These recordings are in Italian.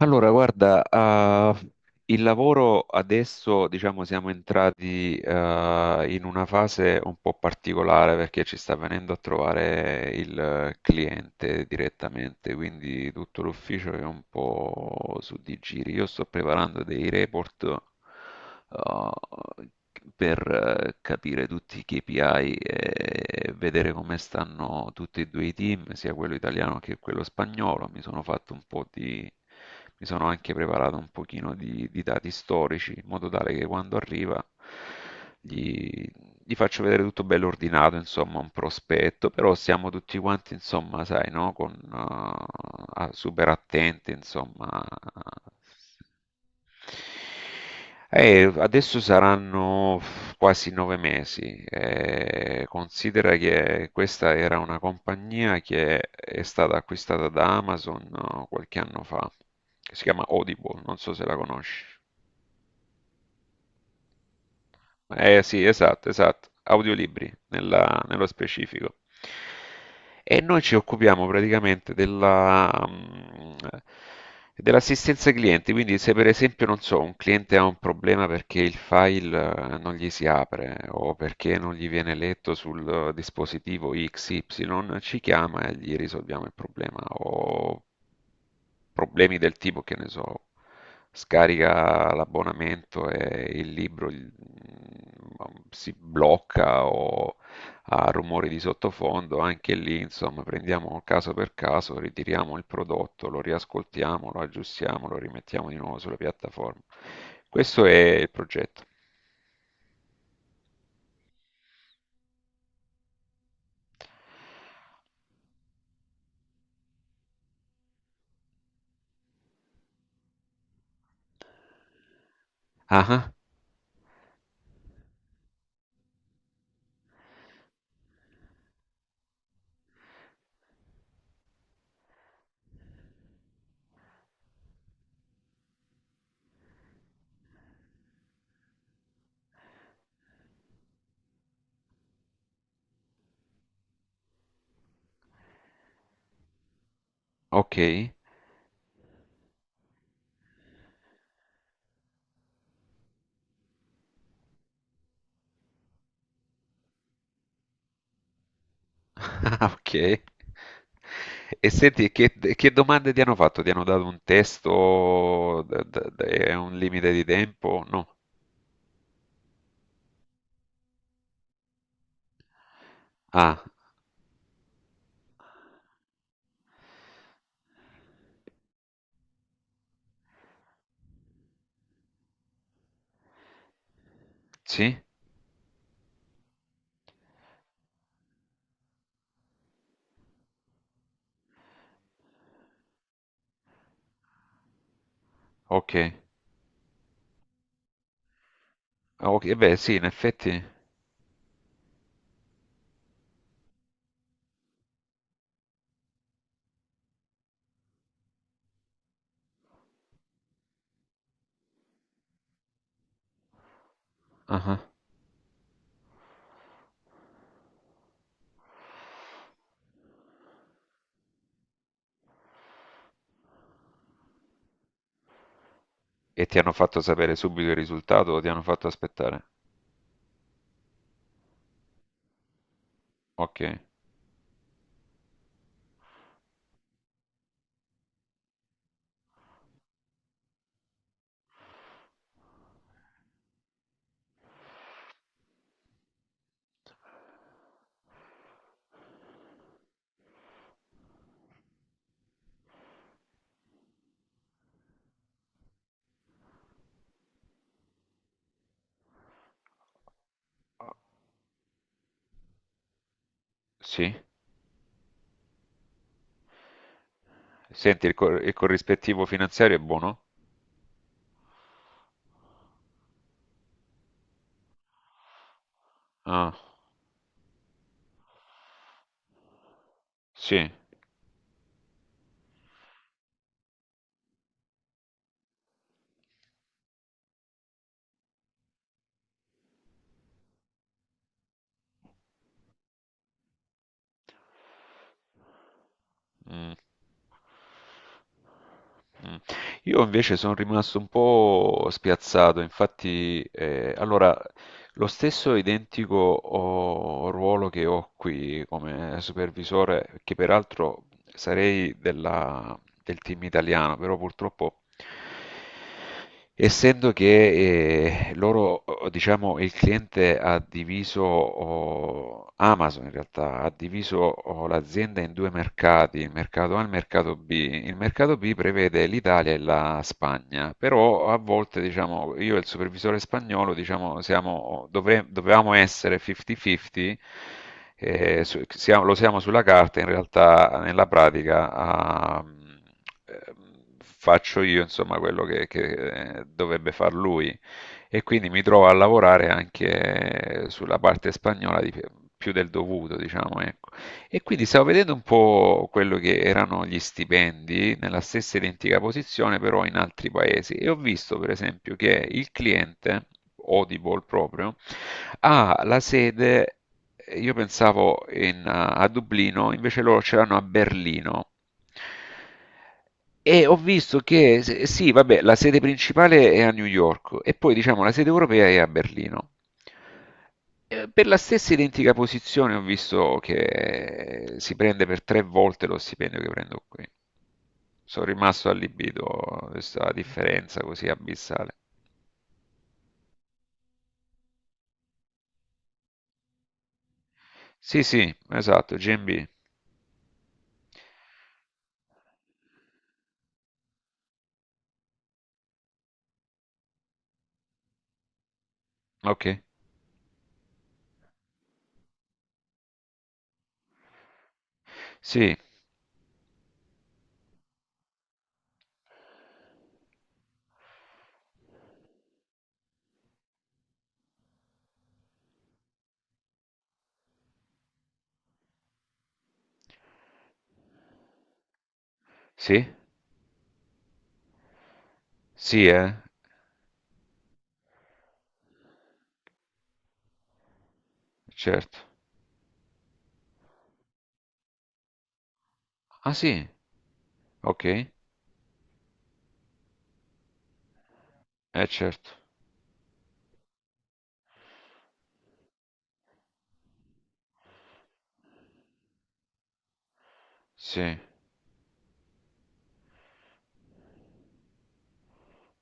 Allora, guarda, il lavoro adesso, diciamo, siamo entrati in una fase un po' particolare perché ci sta venendo a trovare il cliente direttamente, quindi tutto l'ufficio è un po' su di giri. Io sto preparando dei report eh, per capire tutti i KPI e vedere come stanno tutti e due i team, sia quello italiano che quello spagnolo. Mi sono fatto un po' di... mi sono anche preparato un pochino di dati storici, in modo tale che quando arriva gli, gli faccio vedere tutto bello ordinato, insomma, un prospetto, però siamo tutti quanti, insomma, sai, no? Con, super attenti, insomma, adesso saranno quasi 9 mesi. Considera che questa era una compagnia che è stata acquistata da Amazon qualche anno fa, che si chiama Audible, non so se la conosci. Eh sì, esatto, esatto, audiolibri nello specifico. E noi ci occupiamo praticamente della dell'assistenza ai clienti, quindi se per esempio, non so, un cliente ha un problema perché il file non gli si apre o perché non gli viene letto sul dispositivo XY, ci chiama e gli risolviamo il problema o problemi del tipo, che ne so, scarica l'abbonamento e il libro si blocca o ha rumori di sottofondo, anche lì, insomma, prendiamo caso per caso, ritiriamo il prodotto, lo riascoltiamo, lo aggiustiamo, lo rimettiamo di nuovo sulla piattaforma. Questo è il progetto. Ah, ah, ok. Ah, ok. E senti, che domande ti hanno fatto? Ti hanno dato un testo e un limite di tempo? No. Ah, sì? Ok. Ah, ok, beh, sì, in effetti. Ah. E ti hanno fatto sapere subito il risultato o ti hanno fatto aspettare? Ok, sì. Senti, il corrispettivo finanziario è buono? Ah, sì. Mm, mm. Io invece sono rimasto un po' spiazzato, infatti, allora, lo stesso identico ruolo che ho qui come supervisore, che peraltro sarei della- del team italiano, però purtroppo essendo che loro, diciamo, il cliente ha diviso, Amazon in realtà, ha diviso l'azienda in due mercati, il mercato A e il mercato B. Il mercato B prevede l'Italia e la Spagna, però a volte, diciamo, io e il supervisore spagnolo, diciamo, siamo, dovevamo essere 50-50, lo siamo sulla carta, in realtà nella pratica faccio io insomma quello che dovrebbe far lui e quindi mi trovo a lavorare anche sulla parte spagnola più del dovuto, diciamo, ecco. E quindi stavo vedendo un po' quello che erano gli stipendi nella stessa identica posizione, però in altri paesi, e ho visto per esempio che il cliente, Audible proprio, ha la sede, io pensavo a Dublino, invece loro ce l'hanno a Berlino. E ho visto che, sì, vabbè, la sede principale è a New York e poi diciamo la sede europea è a Berlino. Per la stessa identica posizione ho visto che si prende per tre volte lo stipendio che prendo qui. Sono rimasto allibito a questa differenza così abissale. Sì, sì, esatto, GMB. Ok. Sì, sì, sì, certo. Ah sì, ok, eh certo, sì,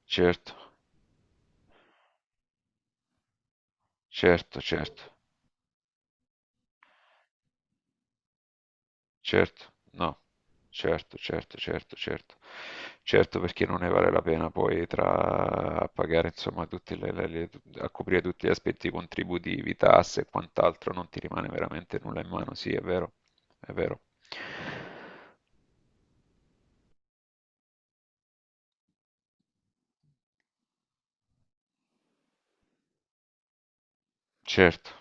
certo, certo, certo. Certo, no, certo, certo, certo, certo. Certo, perché non ne vale la pena poi tra a pagare, insomma, tutte le- a coprire tutti gli aspetti contributivi, tasse e quant'altro, non ti rimane veramente nulla in mano, sì, è vero, certo.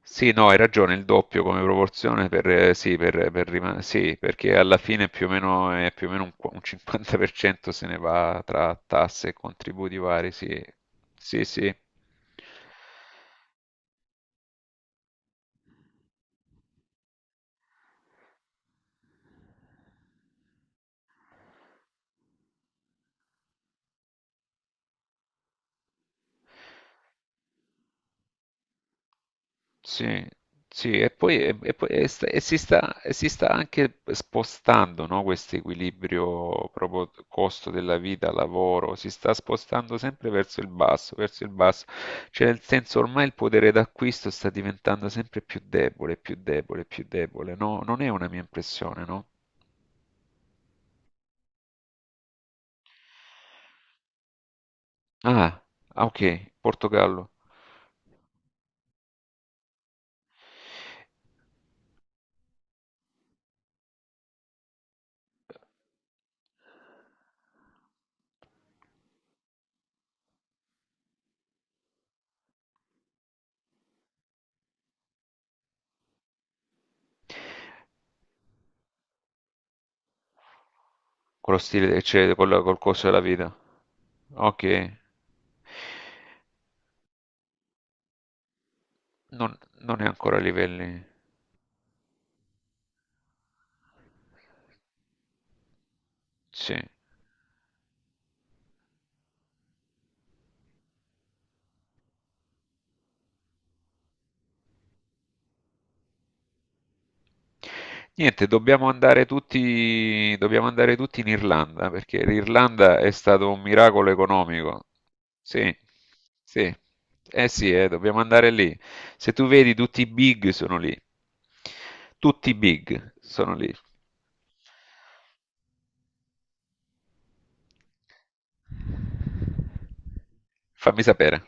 Sì, no, hai ragione, il doppio come proporzione per, sì, per rima- sì, perché alla fine più o meno, è più o meno un 50% se ne va tra tasse e contributi vari, sì, sì, sì. Sì, sì, e poi si sta, e si sta anche spostando, no, questo equilibrio proprio costo della vita, lavoro, si sta spostando sempre verso il basso, cioè nel senso ormai il potere d'acquisto sta diventando sempre più debole, più debole, più debole, no? Non è una mia impressione, no? Ah, ah, ok, Portogallo, con lo stile, cioè col costo della vita, ok, non è ancora a livelli, sì. Niente, dobbiamo andare tutti in Irlanda, perché l'Irlanda è stato un miracolo economico. Sì, sì. Eh sì, dobbiamo andare lì. Se tu vedi, tutti i big sono lì. Tutti i big sono lì. Fammi sapere.